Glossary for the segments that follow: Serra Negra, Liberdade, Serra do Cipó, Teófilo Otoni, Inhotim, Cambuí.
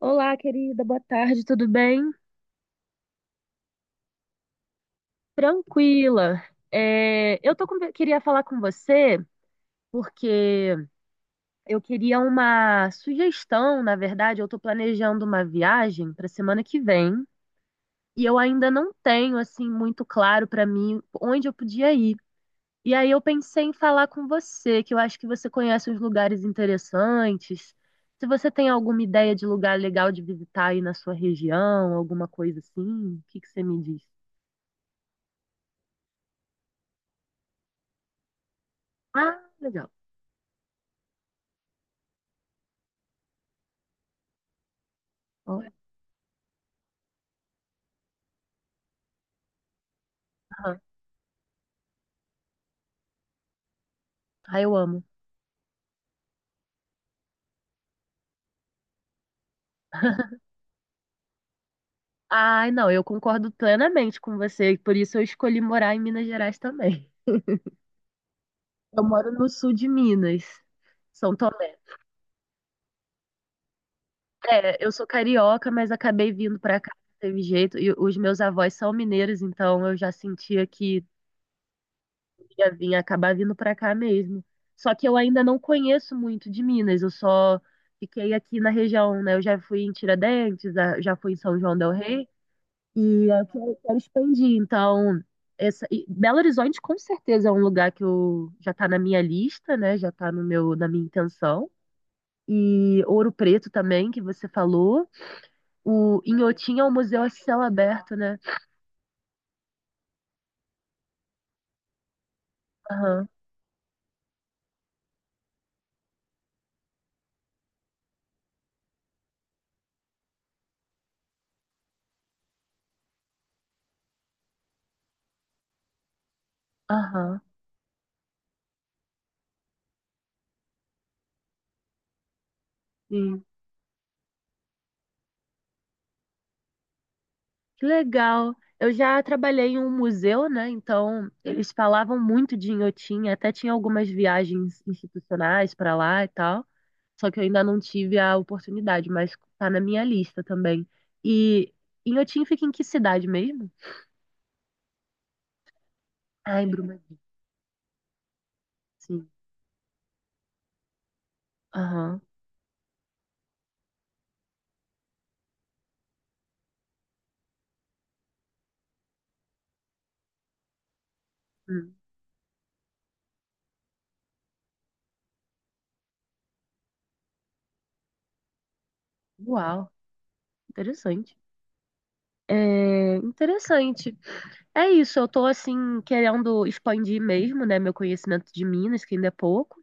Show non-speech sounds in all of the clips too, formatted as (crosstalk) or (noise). Olá, querida, boa tarde, tudo bem? Tranquila. Queria falar com você porque eu queria uma sugestão, na verdade, eu tô planejando uma viagem para semana que vem e eu ainda não tenho assim muito claro para mim onde eu podia ir. E aí eu pensei em falar com você, que eu acho que você conhece uns lugares interessantes. Se você tem alguma ideia de lugar legal de visitar aí na sua região, alguma coisa assim, o que que você me diz? Ah, legal. Oh. Aham. Ai, eu amo. (laughs) Ai, não, eu concordo plenamente com você, por isso eu escolhi morar em Minas Gerais também. Eu moro no sul de Minas, São Tomé. É, eu sou carioca, mas acabei vindo pra cá, não teve jeito. E os meus avós são mineiros, então eu já sentia que ia vir, acabar vindo pra cá mesmo. Só que eu ainda não conheço muito de Minas, eu só fiquei aqui na região, né? Eu já fui em Tiradentes, já fui em São João del Rei. E eu quero expandir. Então, essa, e Belo Horizonte com certeza é um lugar que já está na minha lista, né? Já está no na minha intenção. E Ouro Preto também, que você falou. O Inhotim é um museu a céu aberto, né? Aham, aham. Sim. Que legal. Eu já trabalhei em um museu, né? Então, eles falavam muito de Inhotim, até tinha algumas viagens institucionais para lá e tal. Só que eu ainda não tive a oportunidade, mas tá na minha lista também. E Inhotim fica em que cidade mesmo? Ah, em Brumadinho, sim. Aham. Hum. Uau, interessante. É interessante. É isso, eu tô assim querendo expandir mesmo, né, meu conhecimento de Minas, que ainda é pouco.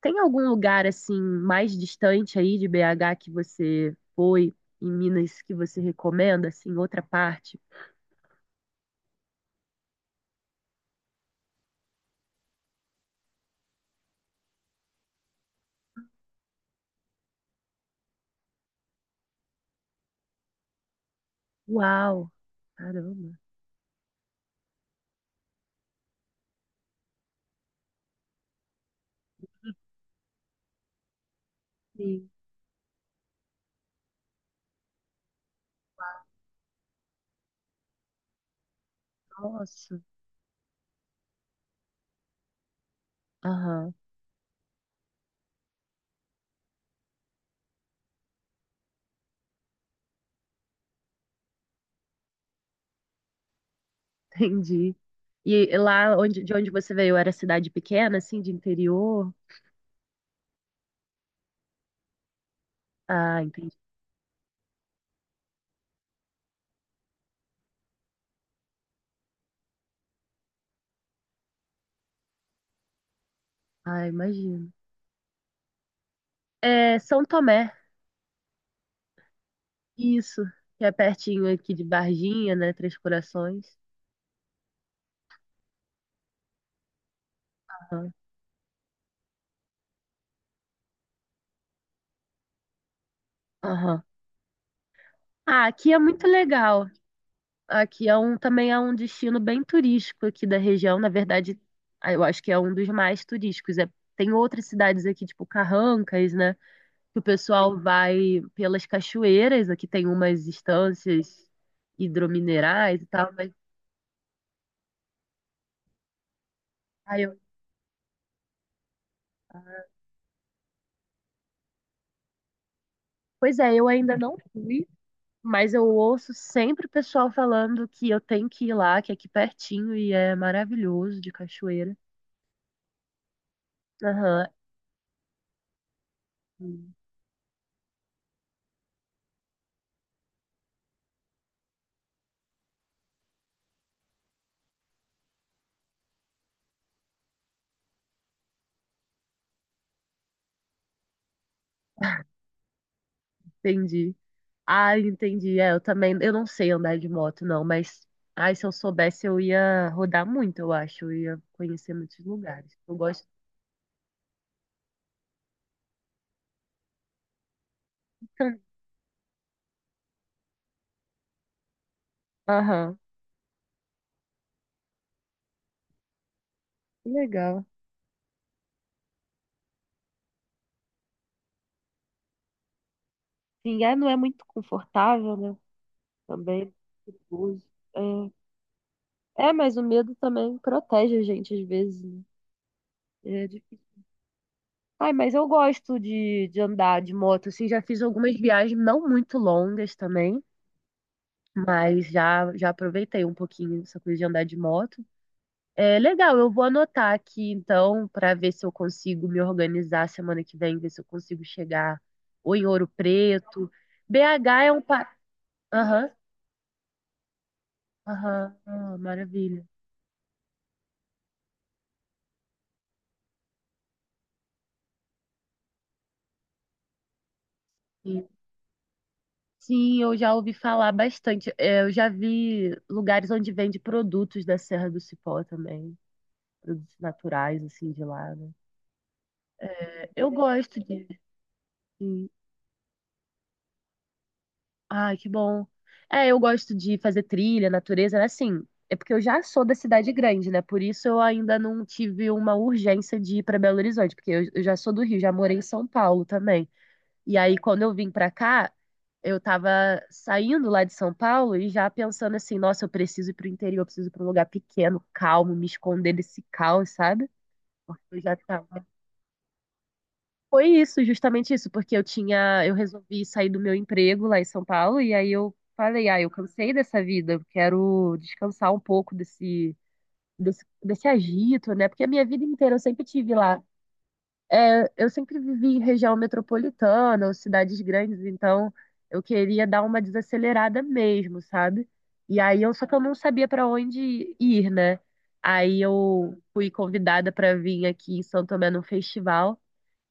Tem algum lugar assim mais distante aí de BH que você foi em Minas que você recomenda assim, outra parte? Uau, caramba. Sim. Nossa. Aham. (laughs) entendi. E lá onde, de onde você veio, era cidade pequena, assim, de interior? Ah, entendi. Ah, imagino. É São Tomé, isso, que é pertinho aqui de Varginha, né? Três Corações. Aham. Aham. Ah, aqui é muito legal. Aqui é também é um destino bem turístico aqui da região. Na verdade, ah, eu acho que é um dos mais turísticos. É, tem outras cidades aqui, tipo Carrancas, né? Que o pessoal vai pelas cachoeiras, aqui tem umas estâncias hidrominerais e tal, mas ai, eu- pois é, eu ainda não fui, mas eu ouço sempre o pessoal falando que eu tenho que ir lá, que é aqui pertinho e é maravilhoso de cachoeira. Aham, entendi. Ah, entendi. É, eu também, eu não sei andar de moto não, mas ai, se eu soubesse eu ia rodar muito, eu acho, eu ia conhecer muitos lugares. Eu gosto tanto. Aham, que legal. Sim, é, não é muito confortável, né? Também perigoso. É, é, mas o medo também protege a gente às vezes, né? É difícil. Ai, mas eu gosto de andar de moto, assim, já fiz algumas viagens não muito longas também, mas já aproveitei um pouquinho essa coisa de andar de moto. É legal, eu vou anotar aqui então para ver se eu consigo me organizar semana que vem, ver se eu consigo chegar ou em Ouro Preto. BH é um pa... Aham, aham, ah, maravilha. Sim, eu já ouvi falar bastante. É, eu já vi lugares onde vende produtos da Serra do Cipó também, produtos naturais, assim, de lá, né? Eu gosto de. Sim. Ai, que bom. É, eu gosto de fazer trilha, natureza, né? Assim, é porque eu já sou da cidade grande, né? Por isso eu ainda não tive uma urgência de ir para Belo Horizonte, porque eu já sou do Rio, já morei em São Paulo também. E aí, quando eu vim pra cá, eu tava saindo lá de São Paulo e já pensando assim, nossa, eu preciso ir pro interior, eu preciso ir pra um lugar pequeno, calmo, me esconder desse caos, sabe? Porque eu já tava. Foi isso, justamente isso, porque eu tinha, eu resolvi sair do meu emprego lá em São Paulo e aí eu falei, ah, eu cansei dessa vida, eu quero descansar um pouco desse agito, né? Porque a minha vida inteira eu sempre tive lá. É, eu sempre vivi em região metropolitana ou cidades grandes, então eu queria dar uma desacelerada mesmo, sabe? E aí eu só que eu não sabia para onde ir, né? Aí eu fui convidada para vir aqui em São Tomé num festival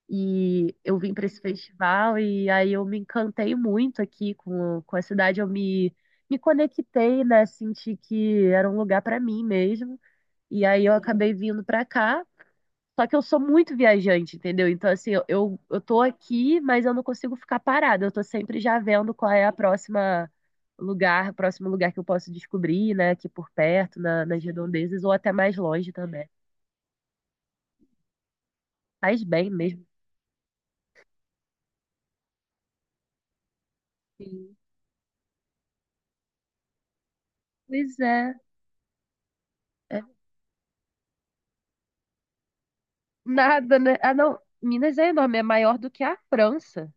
e eu vim para esse festival e aí eu me encantei muito aqui com a cidade, eu me me conectei, né? Senti que era um lugar para mim mesmo. E aí eu acabei vindo para cá. Só que eu sou muito viajante, entendeu? Então, assim, eu tô aqui, mas eu não consigo ficar parada. Eu tô sempre já vendo qual é a próximo lugar que eu posso descobrir, né? Aqui por perto, nas redondezas, ou até mais longe também. Faz bem mesmo. Sim. Pois é, é nada, né? Ah, não, Minas é enorme, é maior do que a França,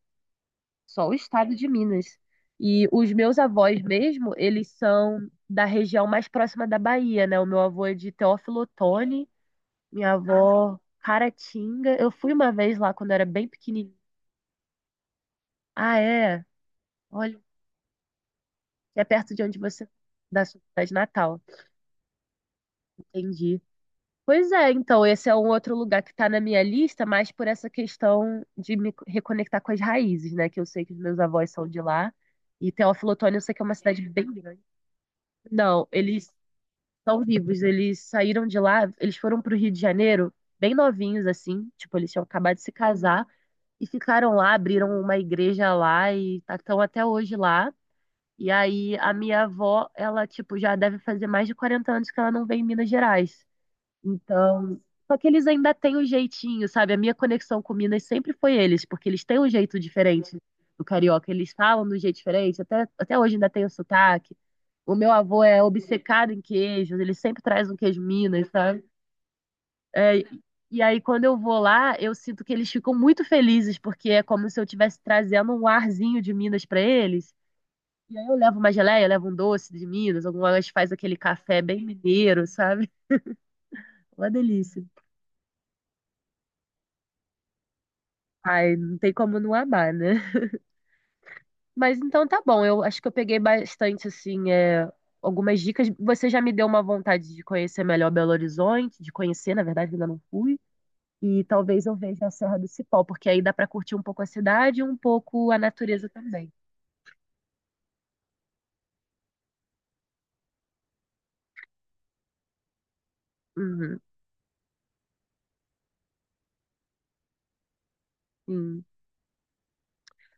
só o estado de Minas. E os meus avós mesmo, eles são da região mais próxima da Bahia, né? O meu avô é de Teófilo Otoni. Minha avó, Caratinga. Eu fui uma vez lá quando eu era bem pequenininha. Ah, é? Olha, é perto de onde você, da sua cidade natal. Entendi. Pois é, então, esse é um outro lugar que está na minha lista, mas por essa questão de me reconectar com as raízes, né? Que eu sei que os meus avós são de lá. E Teófilo Otoni, eu sei que é uma cidade bem grande. Não, eles estão vivos. Eles saíram de lá, eles foram pro Rio de Janeiro, bem novinhos, assim, tipo, eles tinham acabado de se casar e ficaram lá, abriram uma igreja lá e estão até hoje lá. E aí a minha avó, ela, tipo, já deve fazer mais de 40 anos que ela não vem em Minas Gerais. Então, só que eles ainda têm um jeitinho, sabe? A minha conexão com Minas sempre foi eles, porque eles têm um jeito diferente do carioca. Eles falam de um jeito diferente, até, até hoje ainda tem o sotaque. O meu avô é obcecado em queijos, ele sempre traz um queijo Minas, sabe? É, e aí, quando eu vou lá, eu sinto que eles ficam muito felizes, porque é como se eu estivesse trazendo um arzinho de Minas para eles. E aí eu levo uma geleia, eu levo um doce de Minas, algumas faz aquele café bem mineiro, sabe? (laughs) Uma delícia. Ai, não tem como não amar, né? Mas então tá bom, eu acho que eu peguei bastante, assim, é, algumas dicas. Você já me deu uma vontade de conhecer melhor Belo Horizonte, de conhecer, na verdade, ainda não fui. E talvez eu veja a Serra do Cipó, porque aí dá pra curtir um pouco a cidade e um pouco a natureza também. Uhum, sim.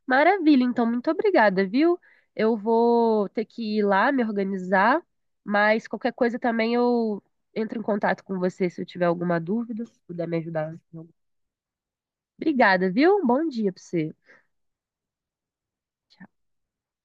Maravilha, então, muito obrigada, viu? Eu vou ter que ir lá me organizar, mas qualquer coisa também eu entro em contato com você se eu tiver alguma dúvida, se puder me ajudar. Obrigada, viu? Um bom dia para você. Tchau.